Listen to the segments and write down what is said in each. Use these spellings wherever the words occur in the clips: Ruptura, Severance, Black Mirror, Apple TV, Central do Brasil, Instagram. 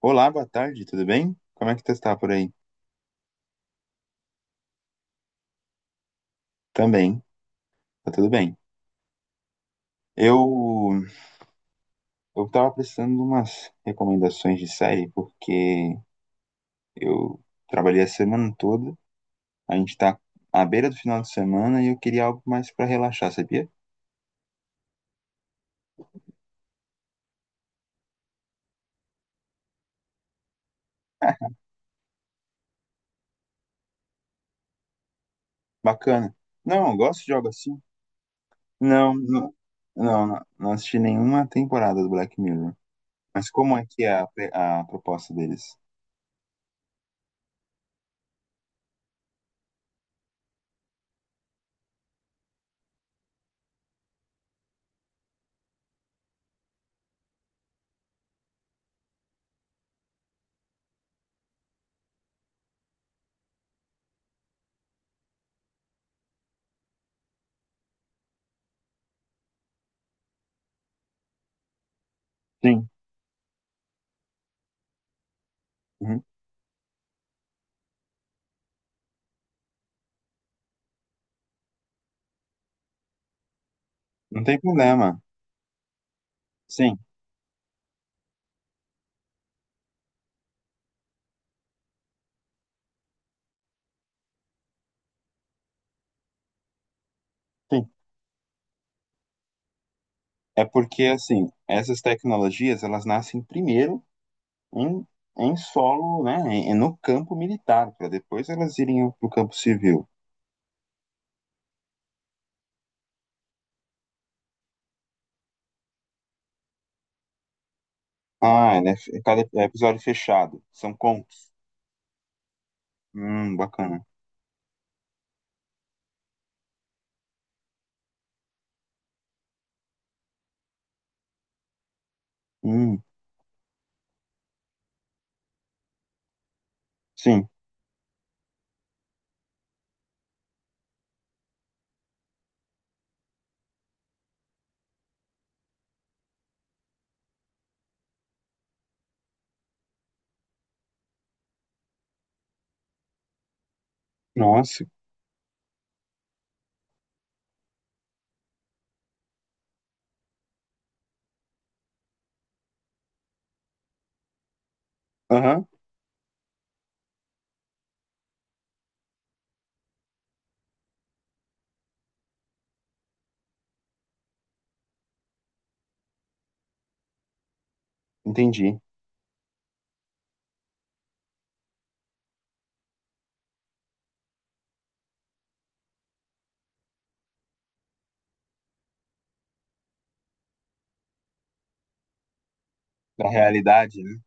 Olá, boa tarde, tudo bem? Como é que tu está por aí? Também, tá tudo bem. Eu eu tava precisando de umas recomendações de série porque eu trabalhei a semana toda, a gente tá à beira do final de semana e eu queria algo mais pra relaxar, sabia? Bacana. Não, eu gosto de algo assim. Não, não, não, não assisti nenhuma temporada do Black Mirror. Mas como é que é a proposta deles? Sim. Uhum. Não tem problema. Sim. É porque, assim, essas tecnologias, elas nascem primeiro em, em solo, né, no campo militar, para depois elas irem para o campo civil. Ah, é, né, cada episódio fechado, são contos. Bacana. Hum, sim. Nossa. Aham, entendi. Da realidade, né?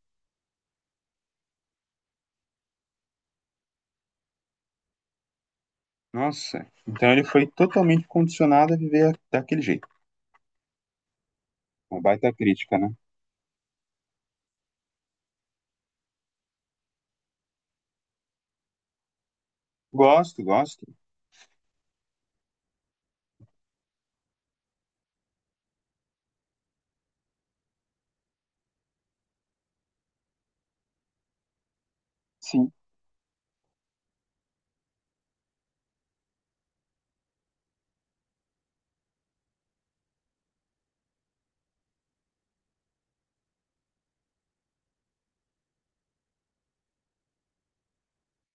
Nossa. Então ele foi totalmente condicionado a viver daquele jeito. Uma baita crítica, né? Gosto, gosto. Sim,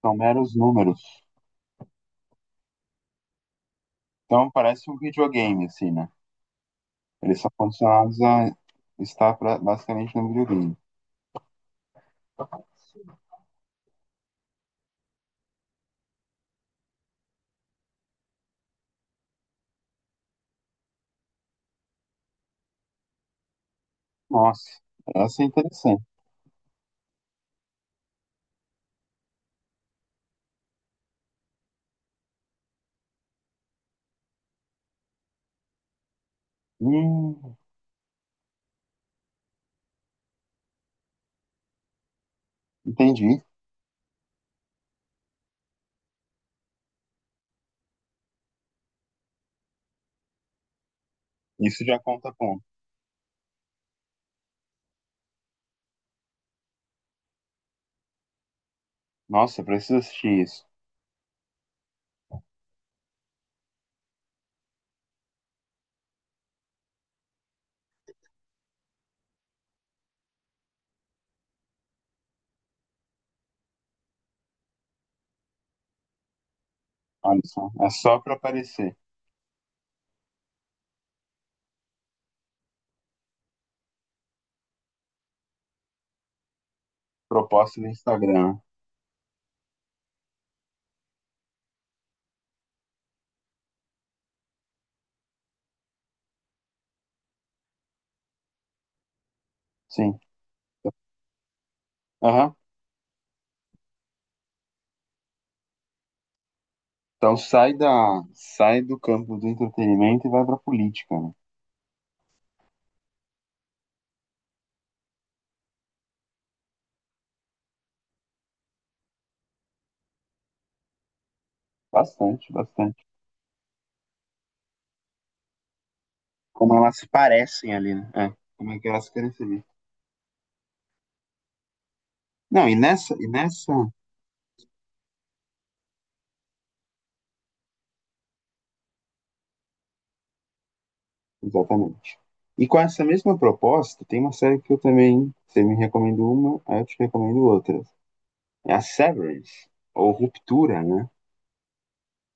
são meros números. Então parece um videogame, assim, né? Eles são condicionados a estar basicamente no videogame. Nossa, essa é interessante. Hum, entendi. Isso já conta ponto. Nossa, eu preciso assistir isso. Olha só, é só para aparecer. Proposta do Instagram. Sim. Aham. Então sai da, sai do campo do entretenimento e vai para política, né? Bastante, bastante. Como elas parecem ali, né? É, como é que elas querem ser vistas. Não, e nessa Exatamente. E com essa mesma proposta, tem uma série que eu também, você me recomendou uma, aí eu te recomendo outra. É a Severance, ou Ruptura, né?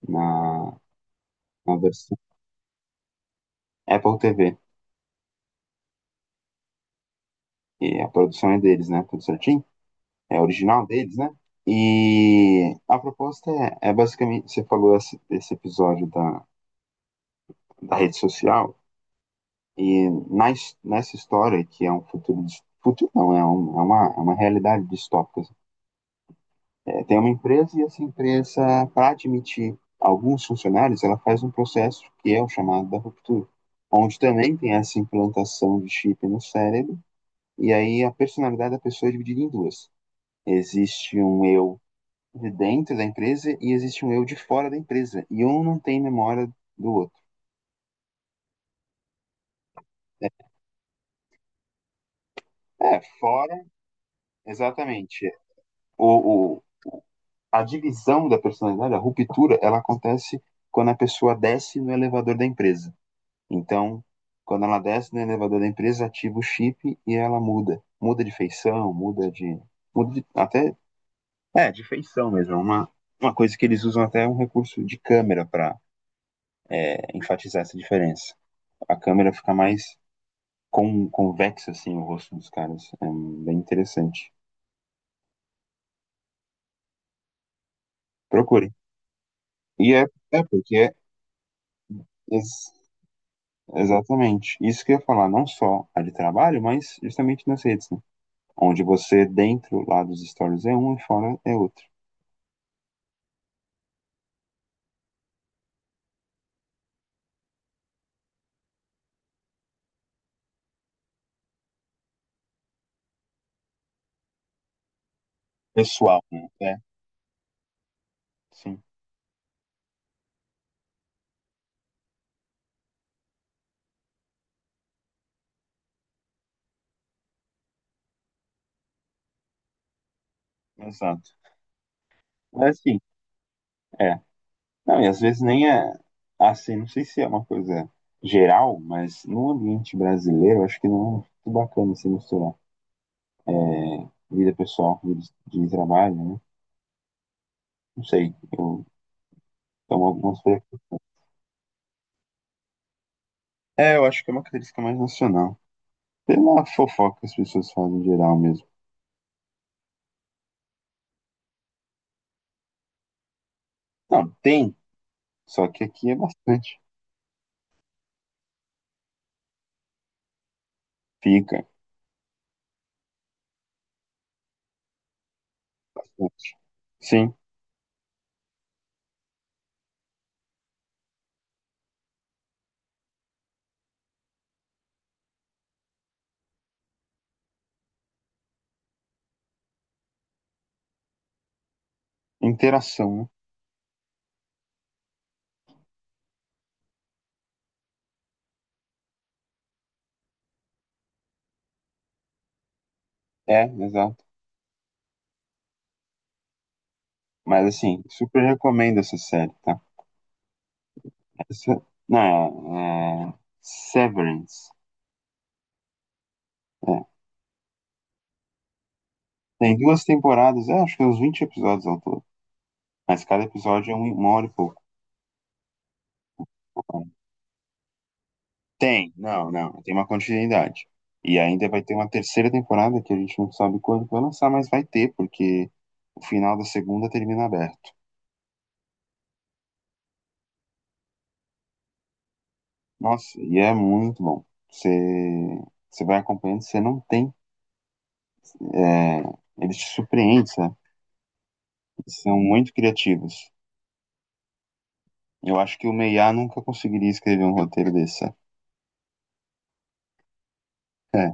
Na, na versão Apple TV. E a produção é deles, né? Tudo certinho? É original deles, né? E a proposta é basicamente, você falou esse episódio da, da rede social, e na, nessa história, que é um futuro não, é uma realidade distópica. É, tem uma empresa e essa empresa, para admitir alguns funcionários, ela faz um processo que é o chamado da ruptura, onde também tem essa implantação de chip no cérebro, e aí a personalidade da pessoa é dividida em duas. Existe um eu de dentro da empresa e existe um eu de fora da empresa, e um não tem memória do outro. Né? É, fora, exatamente. O, o- a divisão da personalidade, a ruptura, ela acontece quando a pessoa desce no elevador da empresa. Então, quando ela desce no elevador da empresa, ativa o chip e ela muda. Muda de feição, muda de. Muda de até. É, de feição mesmo. Uma coisa que eles usam até um recurso de câmera para enfatizar essa diferença. A câmera fica mais com convexa, assim, o rosto dos caras. É bem interessante. Procure. E é, é porque é. ex- Exatamente. Isso que eu ia falar, não só a de trabalho, mas justamente nas redes, né? Onde você, dentro lá dos stories é um e fora é outro. Pessoal, né? É, sim, exato. Mas assim, é. Não, e às vezes nem é assim, não sei se é uma coisa geral, mas no ambiente brasileiro, eu acho que não é muito bacana se misturar vida pessoal, vida de trabalho, né? Não sei. Então, algumas. pe- É, eu acho que é uma característica mais nacional. Pela fofoca que as pessoas fazem em geral mesmo. Não, tem, só que aqui é bastante. Fica, bastante. Sim, interação, né? É, exato. Mas assim, super recomendo essa série, tá? Se- Não, é, é, Severance. É. Tem duas temporadas, é, acho que uns 20 episódios ao todo. Mas cada episódio é uma hora e pouco. Tem, não, não. Tem uma continuidade. E ainda vai ter uma terceira temporada que a gente não sabe quando vai lançar, mas vai ter, porque o final da segunda termina aberto. Nossa, e é muito bom. Você, você vai acompanhando, você não tem. É, eles te surpreendem, sabe? Eles são muito criativos. Eu acho que o Meiá nunca conseguiria escrever um roteiro desse. É,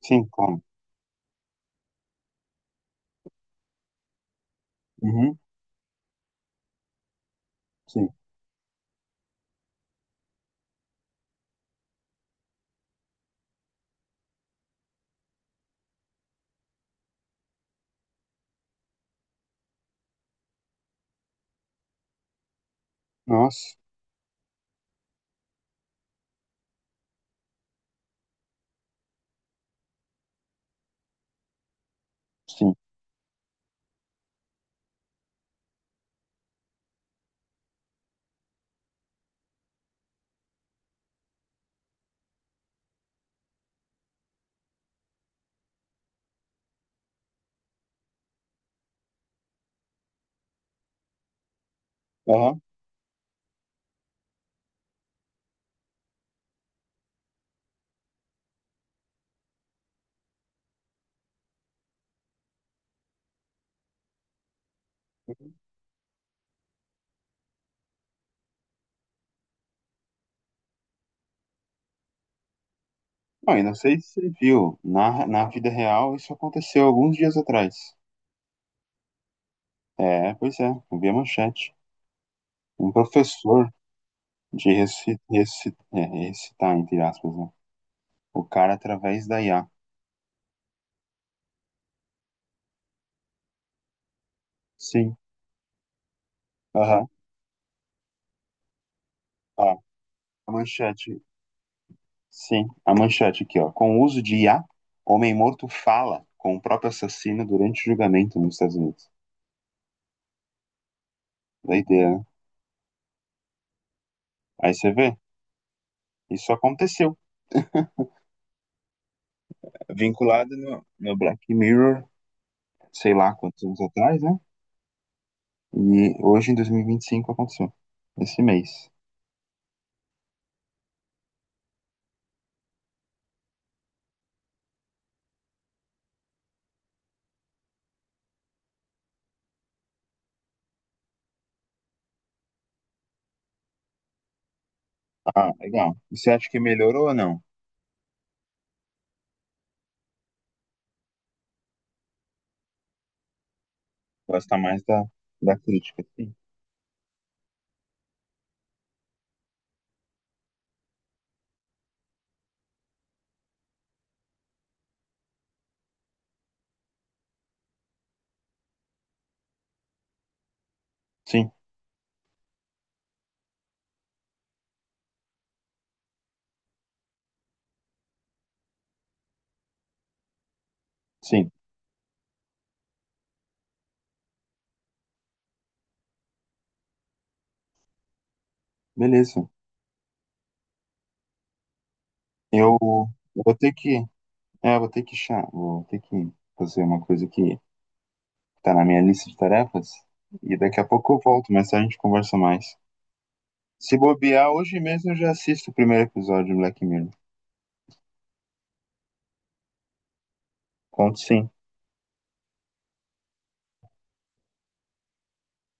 sim, claro. Uhum, sim. Nossa, sim. Aham. Bom, e não sei se você viu, na vida real isso aconteceu alguns dias atrás. É, pois é, eu vi a manchete. Um professor de ressuscitar, entre aspas, né? O cara através da IA. Sim, aham. Ó, a manchete, sim, a manchete aqui, ó. Com o uso de IA, homem morto fala com o próprio assassino durante o julgamento nos Estados Unidos. Doideira, né? Aí você vê, isso aconteceu. Vinculada no, no Black Mirror, sei lá quantos anos atrás, né? E hoje, em 2025, aconteceu. Esse mês. Ah, legal. E você acha que melhorou ou não? Gosta mais da, da crítica. Sim. Sim, sim. Beleza. Eu vou ter que. É, vou ter que chá. Vou ter que fazer uma coisa que tá na minha lista de tarefas. E daqui a pouco eu volto, mas a gente conversa mais. Se bobear, hoje mesmo eu já assisto o primeiro episódio do Black Mirror. Conto sim.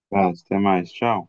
Tá, até mais. Tchau.